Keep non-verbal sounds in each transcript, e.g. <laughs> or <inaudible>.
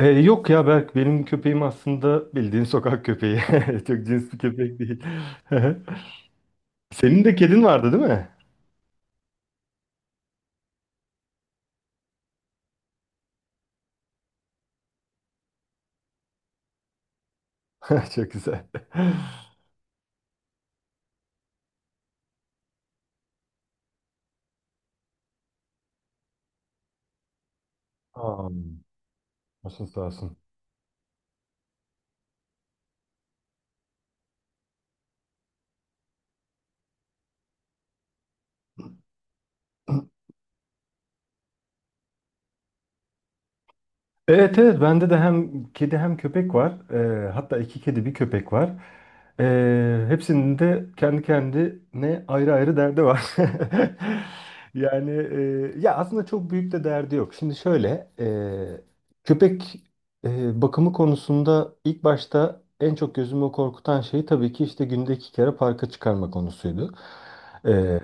Yok ya Berk benim köpeğim aslında bildiğin sokak köpeği. <laughs> Çok cins bir köpek değil. <laughs> Senin de kedin vardı değil mi? <laughs> Çok güzel. Aa, başın sağ olsun. Evet, evet, bende de hem kedi hem köpek var. Hatta iki kedi bir köpek var. Hepsinin de kendi kendine ayrı ayrı derdi var. <laughs> Yani, ya aslında çok büyük de derdi yok. Şimdi şöyle, köpek bakımı konusunda ilk başta en çok gözümü korkutan şey tabii ki işte günde iki kere parka çıkarma konusuydu. Ee,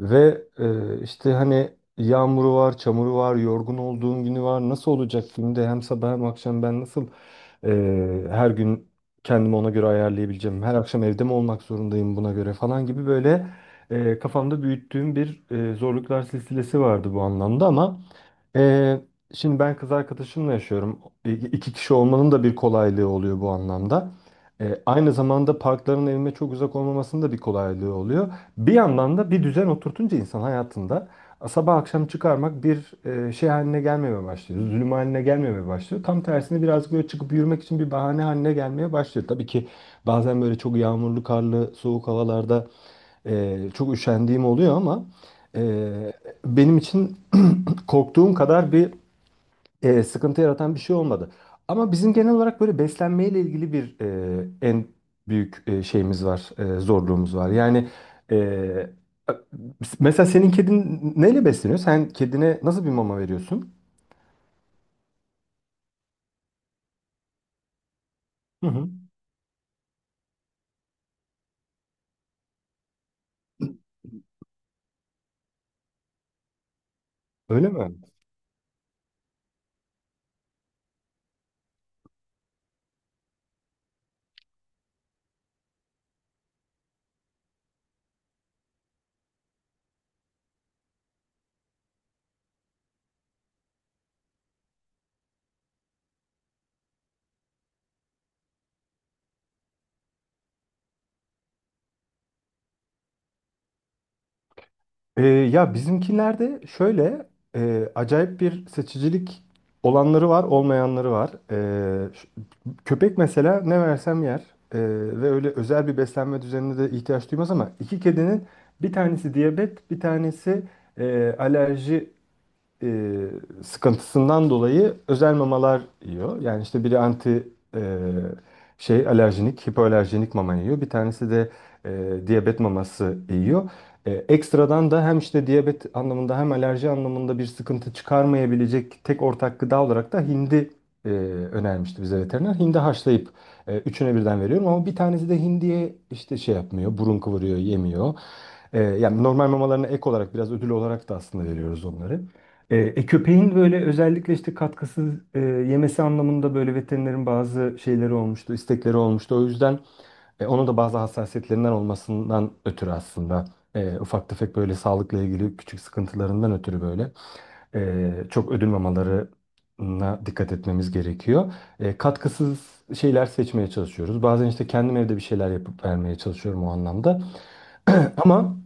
ve işte hani yağmuru var, çamuru var, yorgun olduğum günü var. Nasıl olacak, günde hem sabah hem akşam ben nasıl her gün kendimi ona göre ayarlayabileceğim? Her akşam evde mi olmak zorundayım buna göre falan gibi, böyle kafamda büyüttüğüm bir zorluklar silsilesi vardı bu anlamda. Ama e, şimdi ben kız arkadaşımla yaşıyorum. İki kişi olmanın da bir kolaylığı oluyor bu anlamda. Aynı zamanda parkların evime çok uzak olmamasının da bir kolaylığı oluyor. Bir yandan da bir düzen oturtunca insan hayatında sabah akşam çıkarmak bir şey haline gelmemeye başlıyor. Zulüm haline gelmemeye başlıyor. Tam tersine, birazcık böyle çıkıp yürümek için bir bahane haline gelmeye başlıyor. Tabii ki bazen böyle çok yağmurlu, karlı, soğuk havalarda çok üşendiğim oluyor. Ama e, benim için korktuğum kadar bir sıkıntı yaratan bir şey olmadı. Ama bizim genel olarak böyle beslenmeyle ilgili bir en büyük şeyimiz var, zorluğumuz var. Yani e, mesela senin kedin neyle besleniyor? Sen kedine nasıl bir mama veriyorsun? Hı hı. Öyle mi? Ya bizimkilerde şöyle acayip bir seçicilik olanları var, olmayanları var. Köpek mesela ne versem yer. Ee, ve öyle özel bir beslenme düzenine de ihtiyaç duymaz, ama iki kedinin bir tanesi diyabet, bir tanesi alerji e, sıkıntısından dolayı özel mamalar yiyor. Yani işte biri anti e, şey alerjinik, hipoalerjinik mama yiyor. Bir tanesi de diyabet maması yiyor. Ekstradan da hem işte diyabet anlamında hem alerji anlamında bir sıkıntı çıkarmayabilecek tek ortak gıda olarak da hindi e, önermişti bize veteriner. Hindi haşlayıp üçüne birden veriyorum, ama bir tanesi de hindiye işte şey yapmıyor, burun kıvırıyor, yemiyor. Yani normal mamalarına ek olarak biraz ödül olarak da aslında veriyoruz onları. Köpeğin böyle özellikle işte katkısız yemesi anlamında böyle veterinerin bazı şeyleri olmuştu, istekleri olmuştu. O yüzden onun da bazı hassasiyetlerinden olmasından ötürü aslında ufak tefek böyle sağlıkla ilgili küçük sıkıntılarından ötürü böyle çok ödül mamalarına dikkat etmemiz gerekiyor. Katkısız şeyler seçmeye çalışıyoruz. Bazen işte kendim evde bir şeyler yapıp vermeye çalışıyorum o anlamda. <clears throat> Ama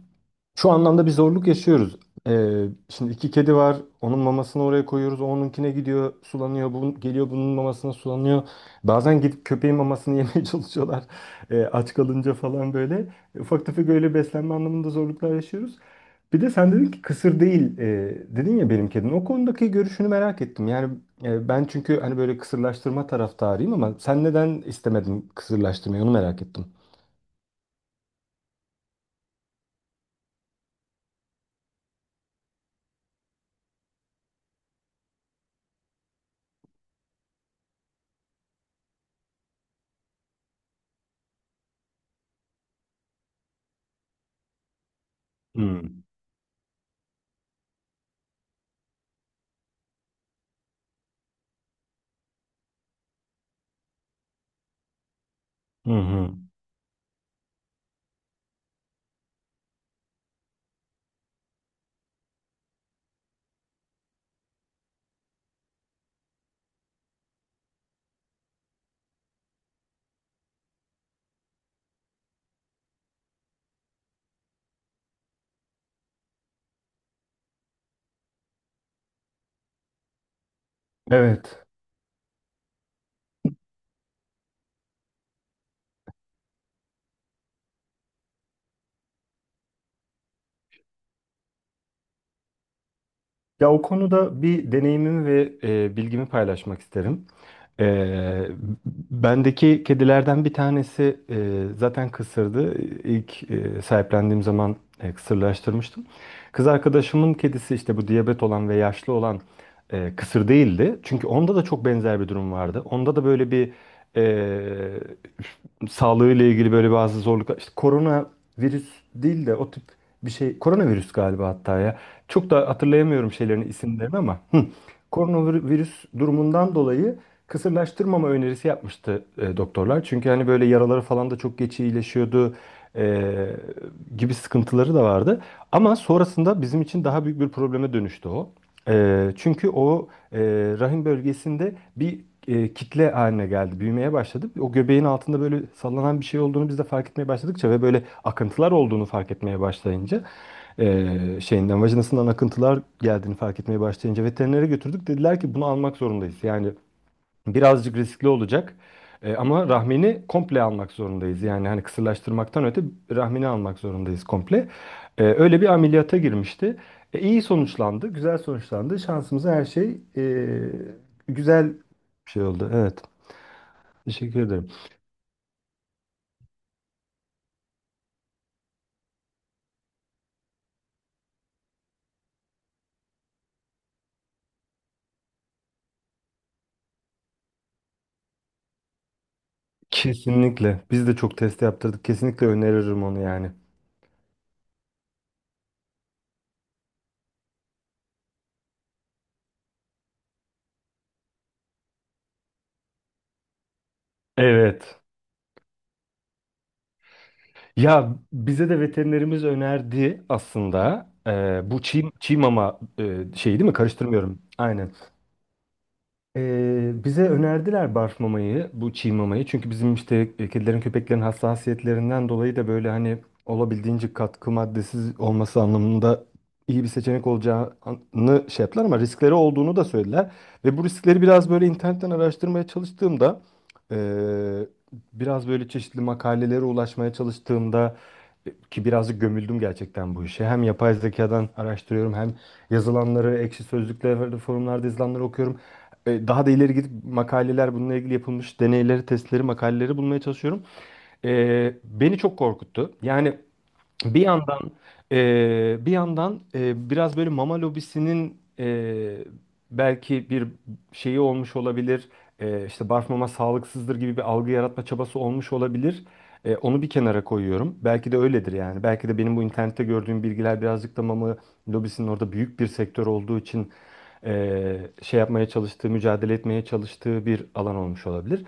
şu anlamda bir zorluk yaşıyoruz. Şimdi iki kedi var. Onun mamasını oraya koyuyoruz. Onunkine gidiyor, sulanıyor. Bu geliyor, bunun mamasına sulanıyor. Bazen gidip köpeğin mamasını <laughs> yemeye çalışıyorlar. Aç kalınca falan böyle. Ufak tefek öyle beslenme anlamında zorluklar yaşıyoruz. Bir de sen dedin ki kısır değil, dedin ya benim kedim. O konudaki görüşünü merak ettim. Yani ben çünkü hani böyle kısırlaştırma taraftarıyım, ama sen neden istemedin kısırlaştırmayı, onu merak ettim. Hmm. Hı hı. Evet. Ya o konuda bir deneyimimi ve bilgimi paylaşmak isterim. Ee, bendeki kedilerden bir tanesi zaten kısırdı. İlk sahiplendiğim zaman kısırlaştırmıştım. Kız arkadaşımın kedisi işte bu diyabet olan ve yaşlı olan kısır değildi. Çünkü onda da çok benzer bir durum vardı. Onda da böyle bir e, sağlığıyla ilgili böyle bazı zorluklar. İşte korona virüs değil de o tip bir şey. Koronavirüs galiba hatta ya. Çok da hatırlayamıyorum şeylerin isimlerini ama. Hı. Koronavirüs durumundan dolayı kısırlaştırmama önerisi yapmıştı doktorlar. Çünkü hani böyle yaraları falan da çok geç iyileşiyordu e, gibi sıkıntıları da vardı. Ama sonrasında bizim için daha büyük bir probleme dönüştü o. Çünkü o rahim bölgesinde bir kitle haline geldi, büyümeye başladı. O göbeğin altında böyle sallanan bir şey olduğunu biz de fark etmeye başladıkça ve böyle akıntılar olduğunu fark etmeye başlayınca şeyinden, vajinasından akıntılar geldiğini fark etmeye başlayınca veterinere götürdük. Dediler ki bunu almak zorundayız. Yani birazcık riskli olacak. Ama rahmini komple almak zorundayız. Yani hani kısırlaştırmaktan öte rahmini almak zorundayız komple. Öyle bir ameliyata girmişti. İyi sonuçlandı, güzel sonuçlandı. Şansımıza her şey güzel bir şey oldu. Evet. Teşekkür ederim. Kesinlikle. Biz de çok test yaptırdık. Kesinlikle öneririm onu yani. Evet. Ya bize de veterinerimiz önerdi aslında. Bu çiğ, mama şeyi değil mi? Karıştırmıyorum. Aynen. Bize önerdiler barf mamayı, bu çiğ mamayı. Çünkü bizim işte kedilerin, köpeklerin hassasiyetlerinden dolayı da böyle hani olabildiğince katkı maddesiz olması anlamında iyi bir seçenek olacağını şey yaptılar, ama riskleri olduğunu da söylediler. Ve bu riskleri biraz böyle internetten araştırmaya çalıştığımda e, biraz böyle çeşitli makalelere ulaşmaya çalıştığımda, ki birazcık gömüldüm gerçekten bu işe. Hem yapay zekadan araştırıyorum, hem yazılanları, ekşi sözlüklerde, forumlarda yazılanları okuyorum. Daha da ileri gidip makaleler, bununla ilgili yapılmış deneyleri, testleri, makaleleri bulmaya çalışıyorum. E, beni çok korkuttu. Yani bir yandan, bir yandan biraz böyle mama lobisinin belki bir şeyi olmuş olabilir. İşte barf mama sağlıksızdır gibi bir algı yaratma çabası olmuş olabilir. Onu bir kenara koyuyorum. Belki de öyledir yani. Belki de benim bu internette gördüğüm bilgiler birazcık da mama lobisinin orada büyük bir sektör olduğu için şey yapmaya çalıştığı, mücadele etmeye çalıştığı bir alan olmuş olabilir.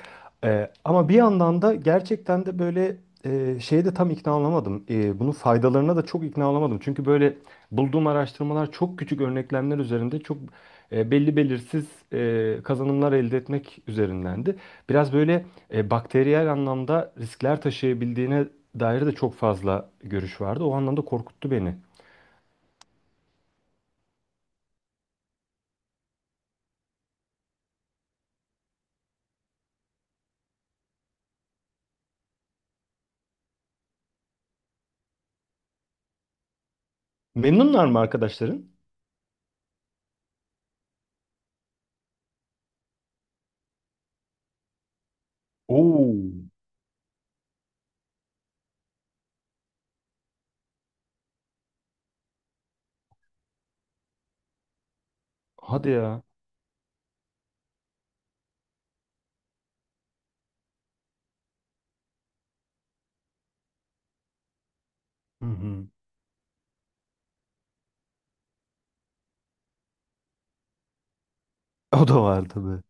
Ama bir yandan da gerçekten de böyle şeye de tam ikna olamadım. Bunun faydalarına da çok ikna olamadım. Çünkü böyle bulduğum araştırmalar çok küçük örneklemler üzerinde çok belli belirsiz kazanımlar elde etmek üzerindendi. Biraz böyle bakteriyel anlamda riskler taşıyabildiğine dair de çok fazla görüş vardı. O anlamda korkuttu beni. Memnunlar mı arkadaşların? Oo. Hadi ya. Hı hı. O da vardı.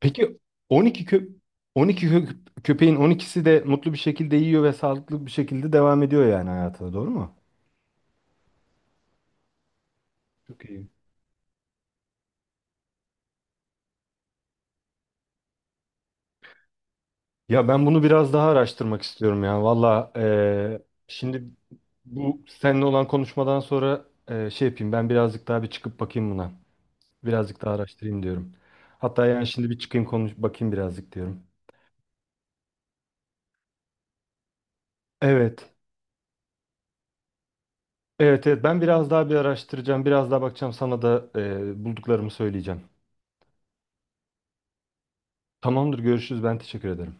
Peki, 12 kö 12 kö köpeğin 12'si de mutlu bir şekilde yiyor ve sağlıklı bir şekilde devam ediyor, yani hayatına doğru mu? Çok iyi. Ya ben bunu biraz daha araştırmak istiyorum ya. Valla, şimdi bu seninle olan konuşmadan sonra şey yapayım, ben birazcık daha bir çıkıp bakayım buna. Birazcık daha araştırayım diyorum. Hatta yani şimdi bir çıkayım, konuş bakayım birazcık diyorum. Evet. Evet, evet, ben biraz daha bir araştıracağım. Biraz daha bakacağım, sana da bulduklarımı söyleyeceğim. Tamamdır, görüşürüz, ben teşekkür ederim.